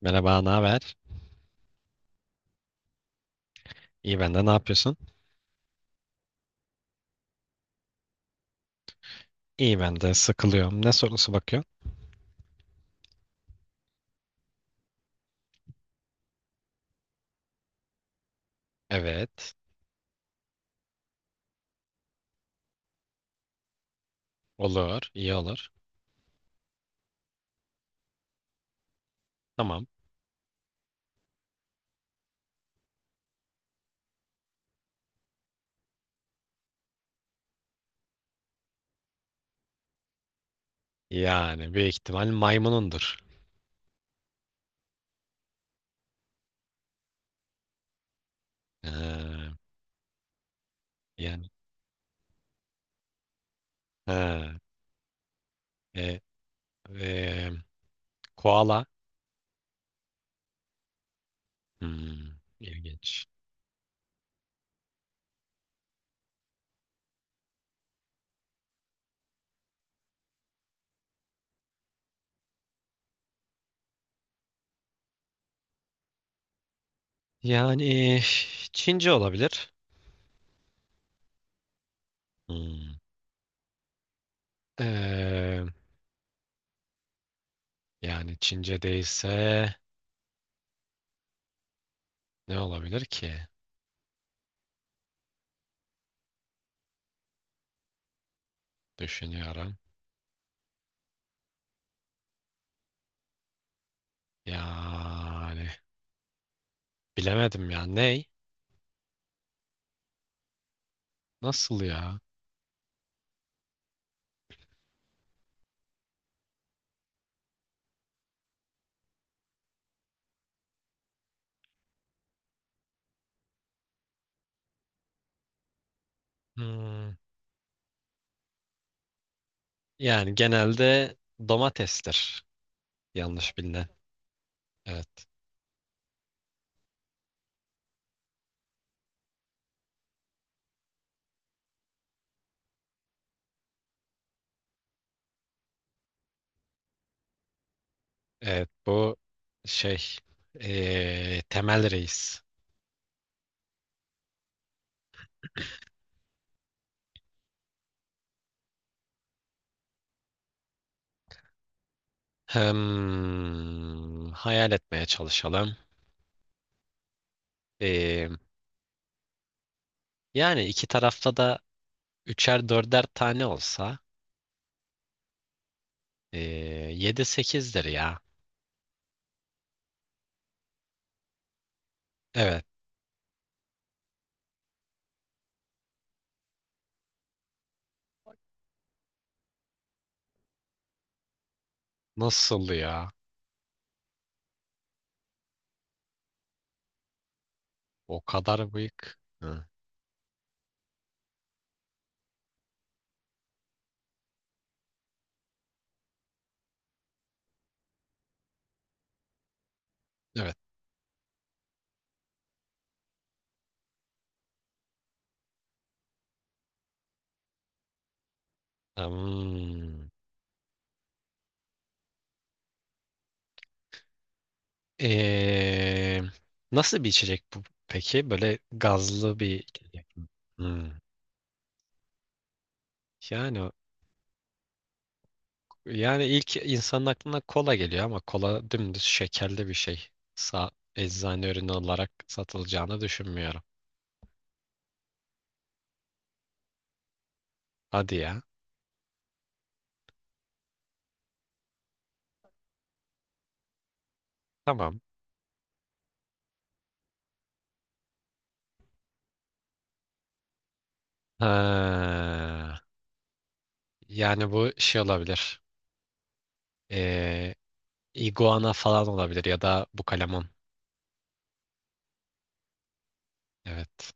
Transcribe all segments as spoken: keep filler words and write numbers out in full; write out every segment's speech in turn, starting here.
Merhaba, ne haber? İyi ben de, ne yapıyorsun? İyi ben de sıkılıyorum. Ne sorusu bakıyorsun? Evet. Olur, iyi olur. Tamam. Yani büyük ihtimal maymunundur. Ee, yani. Ha, e, e, koala. Hmm, ilginç. Yani Çince olabilir. Hmm. Ee, Yani Çince değilse ne olabilir ki? Düşünüyorum. Yani bilemedim ya. Ney? Nasıl ya? Hmm. Yani genelde domatestir. Yanlış bilinen. Evet. Evet bu şey eee, temel reis. Hmm, hayal etmeye çalışalım. Eee, Yani iki tarafta da üçer dörder tane olsa eee, yedi sekizdir ya. Evet. Nasıl ya? O kadar büyük. Hı. Evet. Hmm. Ee, Nasıl bir içecek bu peki? Böyle gazlı bir içecek mi? Hmm. Yani yani ilk insanın aklına kola geliyor ama kola dümdüz şekerli bir şey. Sa Eczane ürünü olarak satılacağını düşünmüyorum. Hadi ya. Tamam. Ha, yani bu şey olabilir. Ee, iguana falan olabilir ya da bu kalemon. Evet.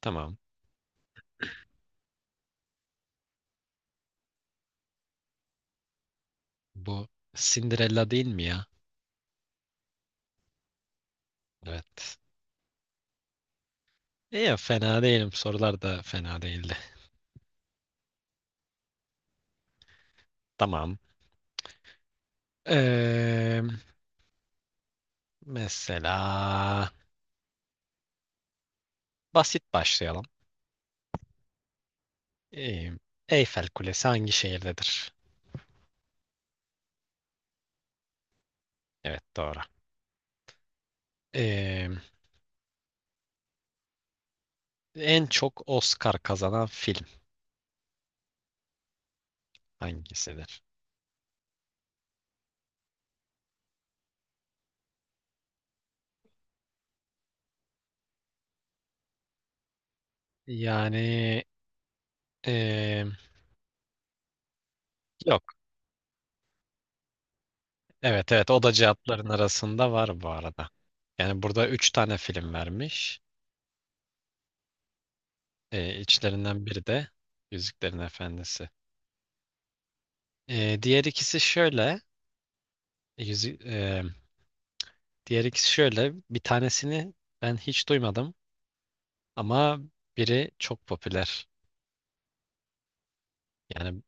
Tamam. Bu Cinderella değil mi ya? Evet. İyi, fena değilim. Sorular da fena değildi. Tamam. Ee, Mesela basit başlayalım. Ee, Eyfel Kulesi hangi şehirdedir? Evet doğru. Ee, En çok Oscar kazanan film hangisidir? Yani ee, yok. Evet, evet, o da cevapların arasında var bu arada. Yani burada üç tane film vermiş. Ee, içlerinden biri de Yüzüklerin Efendisi. Ee, diğer ikisi şöyle. Yüzü, e, Diğer ikisi şöyle. Bir tanesini ben hiç duymadım ama biri çok popüler. Yani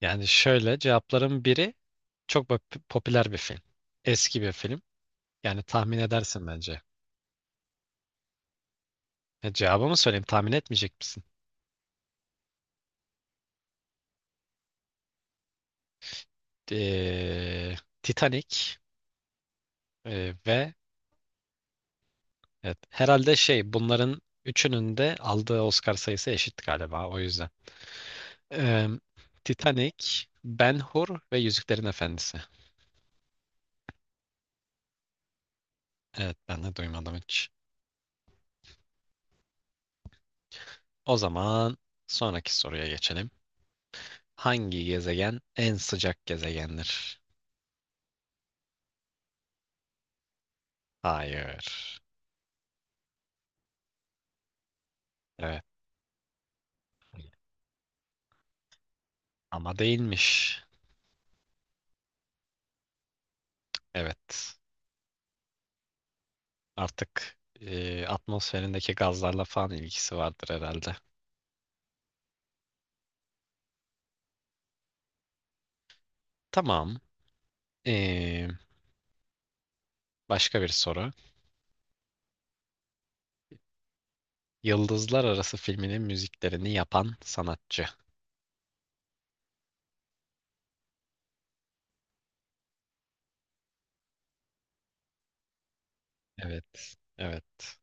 yani şöyle cevapların biri çok pop- popüler bir film. Eski bir film. Yani tahmin edersin bence. E, cevabı mı söyleyeyim? Tahmin etmeyecek misin? Ee, Titanic e, ve evet, herhalde şey bunların üçünün de aldığı Oscar sayısı eşit galiba o yüzden. Ee, Titanic, Ben-Hur ve Yüzüklerin Efendisi. Evet ben de duymadım hiç. O zaman sonraki soruya geçelim. Hangi gezegen en sıcak gezegendir? Hayır. Evet ama değilmiş. Evet. Artık e, atmosferindeki gazlarla falan ilgisi vardır herhalde. Tamam. E, Başka bir soru. Yıldızlar Arası filminin müziklerini yapan sanatçı. Evet. Evet.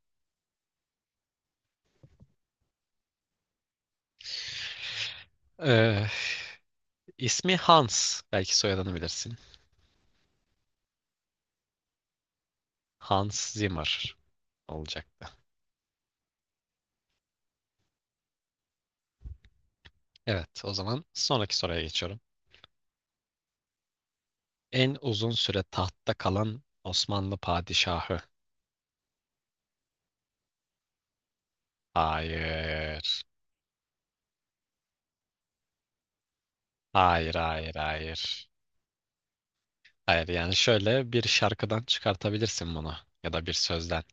E, ismi Hans. Belki soyadını bilirsin. Hans Zimmer olacaktı. Evet, o zaman sonraki soruya geçiyorum. En uzun süre tahtta kalan Osmanlı padişahı. Hayır. Hayır, hayır, hayır. Hayır, yani şöyle bir şarkıdan çıkartabilirsin bunu ya da bir sözden.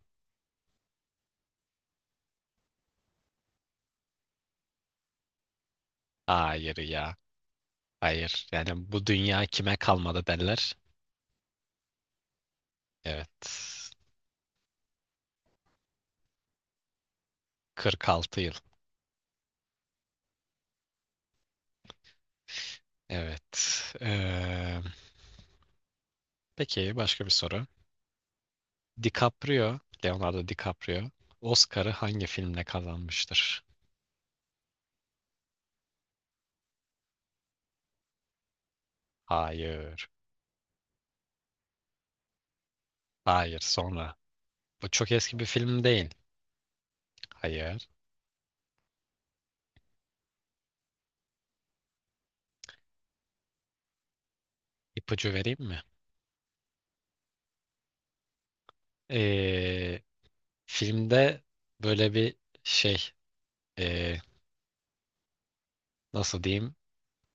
Hayır ya. Hayır. Yani bu dünya kime kalmadı derler. Evet. kırk altı yıl. Evet. Ee, peki başka bir soru. DiCaprio, Leonardo DiCaprio Oscar'ı hangi filmle kazanmıştır? Hayır. Hayır, sonra. Bu çok eski bir film değil. Hayır. İpucu vereyim mi? Ee, Filmde böyle bir şey ee, nasıl diyeyim?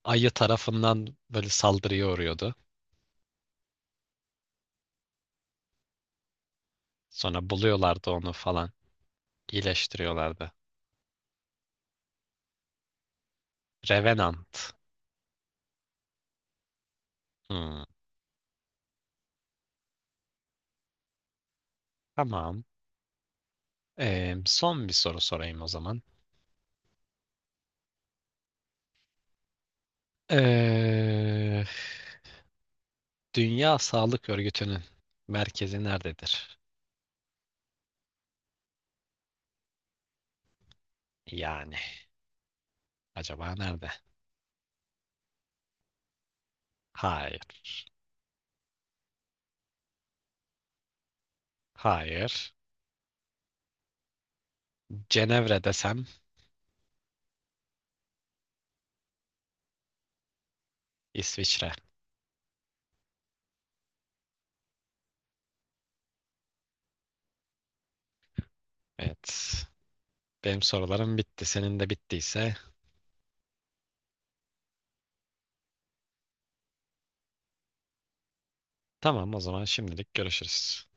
Ayı tarafından böyle saldırıya uğruyordu. Sonra buluyorlardı onu falan. İyileştiriyorlardı. Revenant. Hmm, tamam. Ee, son bir soru sorayım o zaman. Ee, Dünya Sağlık Örgütü'nün merkezi nerededir? Yani acaba nerede? Hayır. Hayır. Cenevre desem İsviçre. Evet. Benim sorularım bitti. Senin de bittiyse tamam, o zaman şimdilik görüşürüz.